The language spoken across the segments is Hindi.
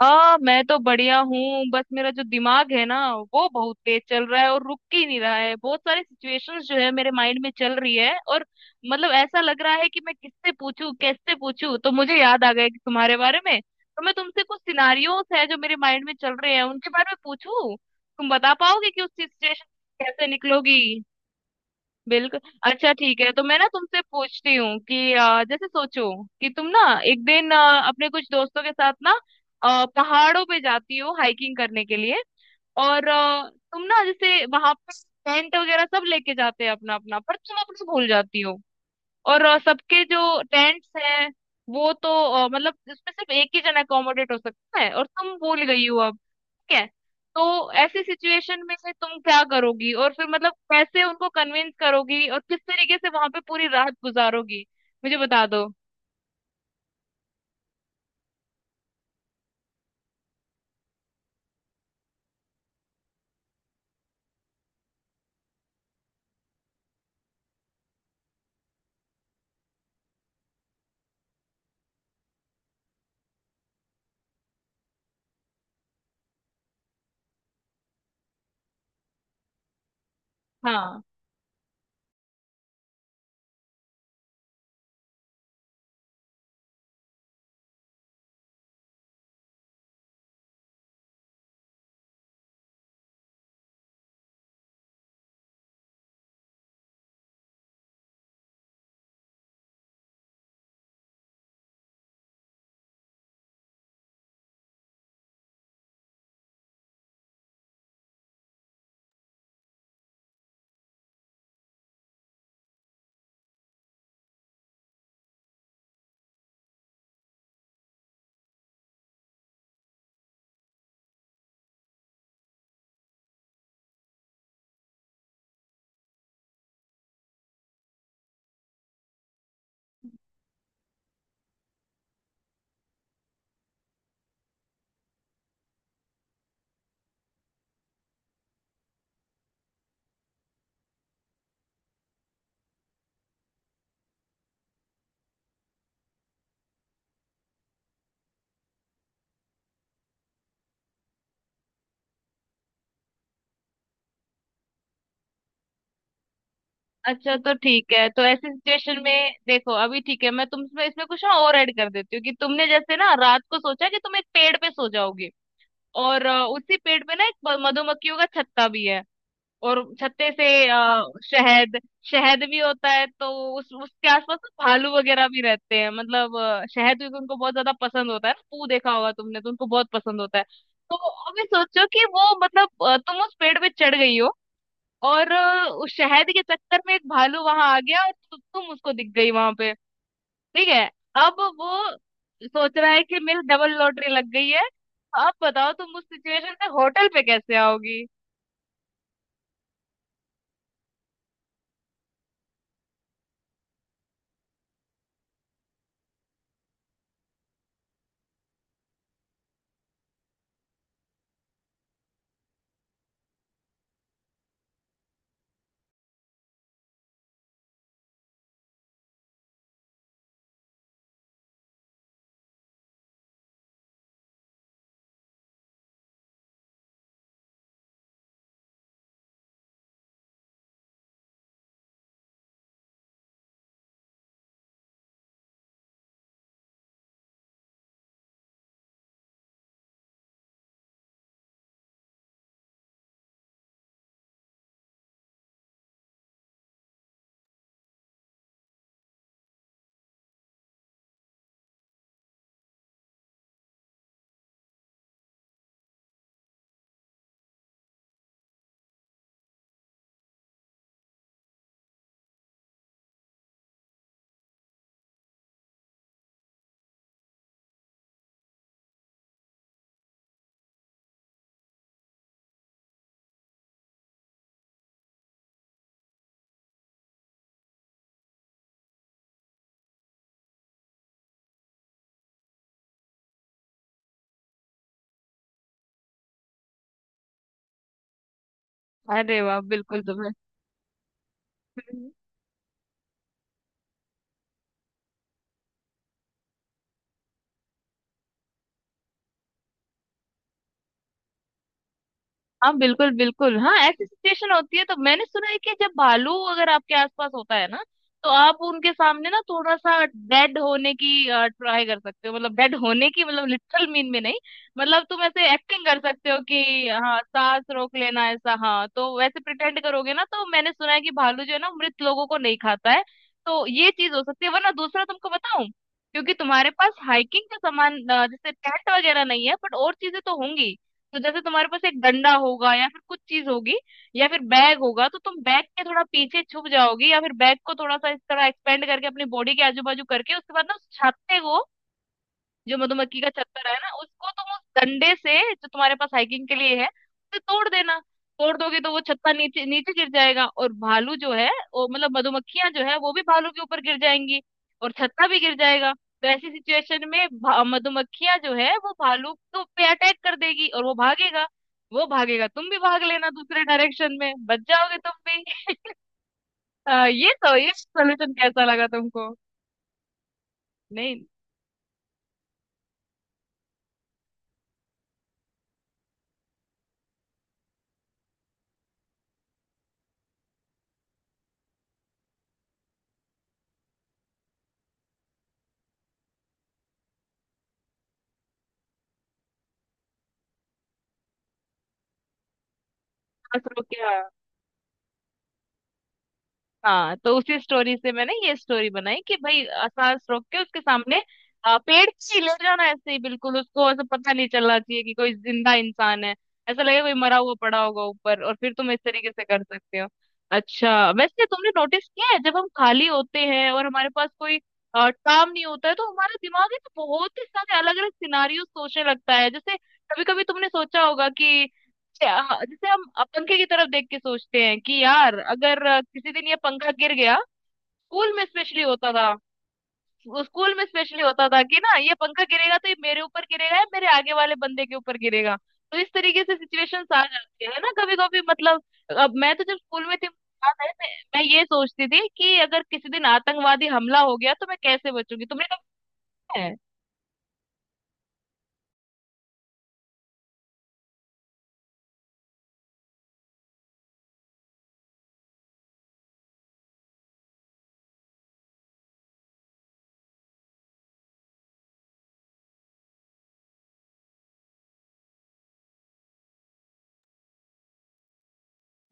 हाँ मैं तो बढ़िया हूँ। बस मेरा जो दिमाग है ना वो बहुत तेज चल रहा है और रुक ही नहीं रहा है। बहुत सारी सिचुएशंस जो है मेरे माइंड में चल रही है और मतलब ऐसा लग रहा है कि मैं किससे पूछूं कैसे पूछूं। तो मुझे याद आ गया कि तुम्हारे बारे में तो मैं तुमसे कुछ सिनारियोस है जो मेरे माइंड में चल रहे हैं उनके बारे में पूछूं। तुम बता पाओगे कि उस सिचुएशन कैसे निकलोगी। बिल्कुल। अच्छा ठीक है। तो मैं ना तुमसे पूछती हूँ कि जैसे सोचो कि तुम ना एक दिन अपने कुछ दोस्तों के साथ ना पहाड़ों पे जाती हो हाइकिंग करने के लिए। और तुम ना जैसे वहां पर टेंट वगैरह सब लेके जाते हैं अपना अपना पर तुम अपना भूल जाती हो। और सबके जो टेंट्स हैं वो तो मतलब उसमें सिर्फ एक ही जना अकोमोडेट हो सकता है और तुम भूल गई हो अब। ठीक है। तो ऐसी सिचुएशन में फिर तुम क्या करोगी और फिर मतलब कैसे उनको कन्विंस करोगी और किस तरीके से वहां पे पूरी रात गुजारोगी। मुझे बता दो। हाँ। अच्छा तो ठीक है। तो ऐसी सिचुएशन में देखो अभी ठीक है मैं तुम इसमें इसमें कुछ ना और ऐड कर देती हूँ कि तुमने जैसे ना रात को सोचा कि तुम एक पेड़ पे सो जाओगे। और उसी पेड़ पे ना एक मधुमक्खियों का छत्ता भी है। और छत्ते से शहद शहद भी होता है। तो उस उसके आसपास ना भालू वगैरह भी रहते हैं मतलब शहद भी उनको बहुत ज्यादा पसंद होता है ना। पू देखा होगा तुमने तो उनको बहुत पसंद होता है। तो अभी सोचो कि वो मतलब तुम उस पेड़ पे चढ़ गई हो। और उस शहद के चक्कर में एक भालू वहां आ गया और तुम उसको दिख गई वहां पे। ठीक है। अब वो सोच रहा है कि मेरी डबल लॉटरी लग गई है। अब बताओ तुम उस सिचुएशन में होटल पे कैसे आओगी। अरे वाह बिल्कुल तुम्हें। हाँ बिल्कुल बिल्कुल। हाँ ऐसी सिचुएशन होती है तो मैंने सुना है कि जब भालू अगर आपके आसपास होता है ना तो आप उनके सामने ना थोड़ा सा डेड होने की ट्राई कर सकते हो। मतलब डेड होने की मतलब लिटरल मीन में नहीं। मतलब तुम ऐसे एक्टिंग कर सकते हो कि हाँ सांस रोक लेना ऐसा हाँ। तो वैसे प्रिटेंड करोगे ना तो मैंने सुना है कि भालू जो है ना मृत लोगों को नहीं खाता है। तो ये चीज हो सकती है वरना दूसरा तुमको बताऊं। क्योंकि तुम्हारे पास हाइकिंग का सामान जैसे टेंट वगैरह नहीं है बट और चीजें तो होंगी। तो जैसे तुम्हारे पास एक डंडा होगा या फिर कुछ चीज होगी या फिर बैग होगा। तो तुम बैग के थोड़ा पीछे छुप जाओगी या फिर बैग को थोड़ा सा इस तरह एक्सपेंड करके अपनी बॉडी के आजू बाजू करके उसके बाद ना उस छाते को जो मधुमक्खी का छत्ता है ना उसको तुम उस डंडे से जो तुम्हारे पास हाइकिंग के लिए है उसे तोड़ देना। तोड़ दोगे तो वो छत्ता नीचे नीचे गिर जाएगा। और भालू जो है वो मतलब मधुमक्खियां जो है वो भी भालू के ऊपर गिर जाएंगी और छत्ता भी गिर जाएगा। तो ऐसी सिचुएशन में मधुमक्खियां जो है वो भालू को पे अटैक कर देगी और वो भागेगा। वो भागेगा तुम भी भाग लेना दूसरे डायरेक्शन में बच जाओगे तुम भी। ये तो ये सोल्यूशन कैसा लगा तुमको। नहीं। असरो क्या? हाँ तो उसी स्टोरी से मैंने ये स्टोरी बनाई कि भाई सांस रोक के उसके सामने पेड़ ही ले जाना ऐसे ही बिल्कुल। उसको ऐसा पता नहीं चलना चाहिए कि कोई जिंदा इंसान है। ऐसा लगेगा कोई मरा हुआ पड़ा होगा ऊपर और फिर तुम इस तरीके से कर सकते हो। अच्छा वैसे तुमने नोटिस किया है जब हम खाली होते हैं और हमारे पास कोई काम नहीं होता है तो हमारा दिमाग है तो बहुत ही सारे अलग अलग सिनारियो सोचने लगता है। जैसे कभी कभी तुमने सोचा होगा कि हाँ, जैसे हम पंखे की तरफ देख के सोचते हैं कि यार अगर किसी दिन ये पंखा गिर गया। स्कूल में स्पेशली होता था। वो स्कूल में स्पेशली होता था कि ना ये पंखा गिरेगा तो ये मेरे ऊपर गिरेगा या मेरे आगे वाले बंदे के ऊपर गिरेगा। तो इस तरीके से सिचुएशंस आ जाती है ना कभी कभी मतलब। अब मैं तो जब स्कूल में थी मुझे याद है मैं ये सोचती थी कि अगर किसी दिन आतंकवादी हमला हो गया तो मैं कैसे बचूंगी। तुमने कभी है?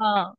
हाँ।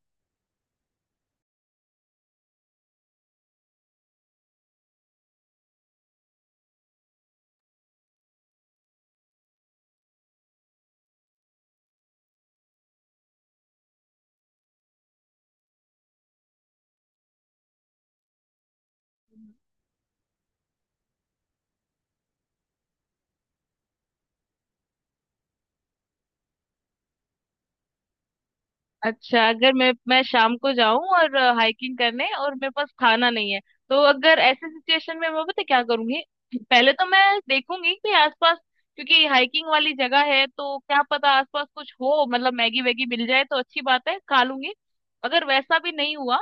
अच्छा अगर मैं शाम को जाऊं और हाइकिंग करने और मेरे पास खाना नहीं है तो अगर ऐसे सिचुएशन में मैं पता है क्या करूंगी। पहले तो मैं देखूंगी कि आसपास क्योंकि हाइकिंग वाली जगह है तो क्या पता आसपास कुछ हो मतलब मैगी वैगी मिल जाए तो अच्छी बात है खा लूंगी। अगर वैसा भी नहीं हुआ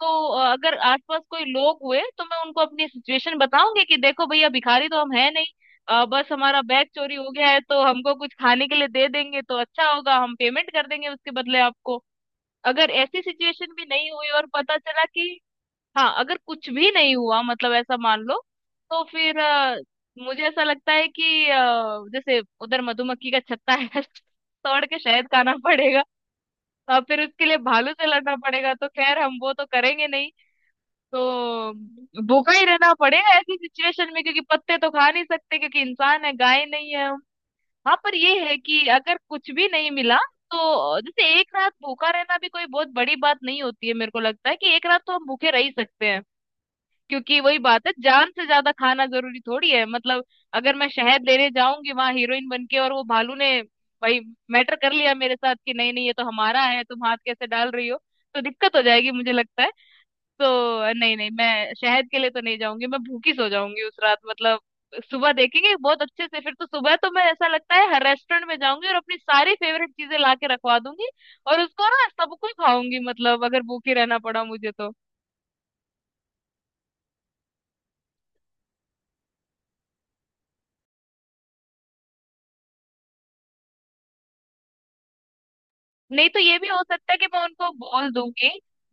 तो अगर आसपास कोई लोग हुए तो मैं उनको अपनी सिचुएशन बताऊंगी कि देखो भैया भिखारी तो हम है नहीं बस हमारा बैग चोरी हो गया है तो हमको कुछ खाने के लिए दे देंगे तो अच्छा होगा हम पेमेंट कर देंगे उसके बदले आपको। अगर ऐसी सिचुएशन भी नहीं हुई और पता चला कि हाँ अगर कुछ भी नहीं हुआ मतलब ऐसा मान लो। तो फिर मुझे ऐसा लगता है कि जैसे उधर मधुमक्खी का छत्ता है तोड़ के शहद खाना पड़ेगा और फिर उसके लिए भालू से लड़ना पड़ेगा तो खैर हम वो तो करेंगे नहीं। तो भूखा ही रहना पड़ेगा ऐसी सिचुएशन में क्योंकि पत्ते तो खा नहीं सकते क्योंकि इंसान है गाय नहीं है। हाँ पर ये है कि अगर कुछ भी नहीं मिला तो जैसे एक रात भूखा रहना भी कोई बहुत बड़ी बात नहीं होती है मेरे को लगता है कि एक रात तो हम भूखे रह ही सकते हैं। क्योंकि वही बात है जान से ज्यादा खाना जरूरी थोड़ी है मतलब। अगर मैं शहद लेने जाऊंगी वहां हीरोइन बन के और वो भालू ने भाई मैटर कर लिया मेरे साथ कि नहीं नहीं ये तो हमारा है तुम हाथ कैसे डाल रही हो। तो दिक्कत हो जाएगी मुझे लगता है। तो नहीं नहीं मैं शहद के लिए तो नहीं जाऊंगी। मैं भूखी सो जाऊंगी उस रात मतलब। सुबह देखेंगे बहुत अच्छे से फिर तो सुबह तो मैं ऐसा लगता है हर रेस्टोरेंट में जाऊंगी और अपनी सारी फेवरेट चीजें ला के रखवा दूंगी। और उसको ना सबको खाऊंगी मतलब अगर भूखी रहना पड़ा मुझे तो। नहीं तो ये भी हो सकता है कि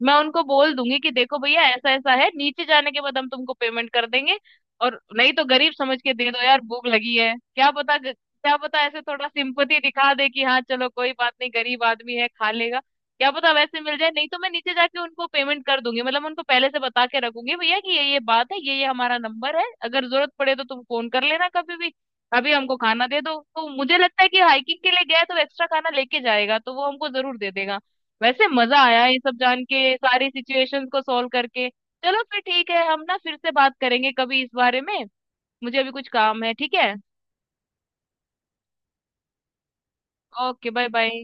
मैं उनको बोल दूंगी कि देखो भैया ऐसा ऐसा है नीचे जाने के बाद हम तुमको पेमेंट कर देंगे। और नहीं तो गरीब समझ के दे दो यार भूख लगी है क्या पता ऐसे थोड़ा सिंपथी दिखा दे कि हाँ चलो कोई बात नहीं गरीब आदमी है खा लेगा। क्या पता वैसे मिल जाए नहीं तो मैं नीचे जाके उनको पेमेंट कर दूंगी मतलब मैं उनको पहले से बता के रखूंगी भैया कि ये बात है ये हमारा नंबर है अगर जरूरत पड़े तो तुम फोन कर लेना कभी भी। अभी हमको खाना दे दो तो मुझे लगता है कि हाइकिंग के लिए गया है तो एक्स्ट्रा खाना लेके जाएगा तो वो हमको जरूर दे देगा। वैसे मजा आया ये सब जान के सारी सिचुएशंस को सॉल्व करके। चलो फिर ठीक है हम ना फिर से बात करेंगे कभी इस बारे में। मुझे अभी कुछ काम है ठीक है। Okay bye bye.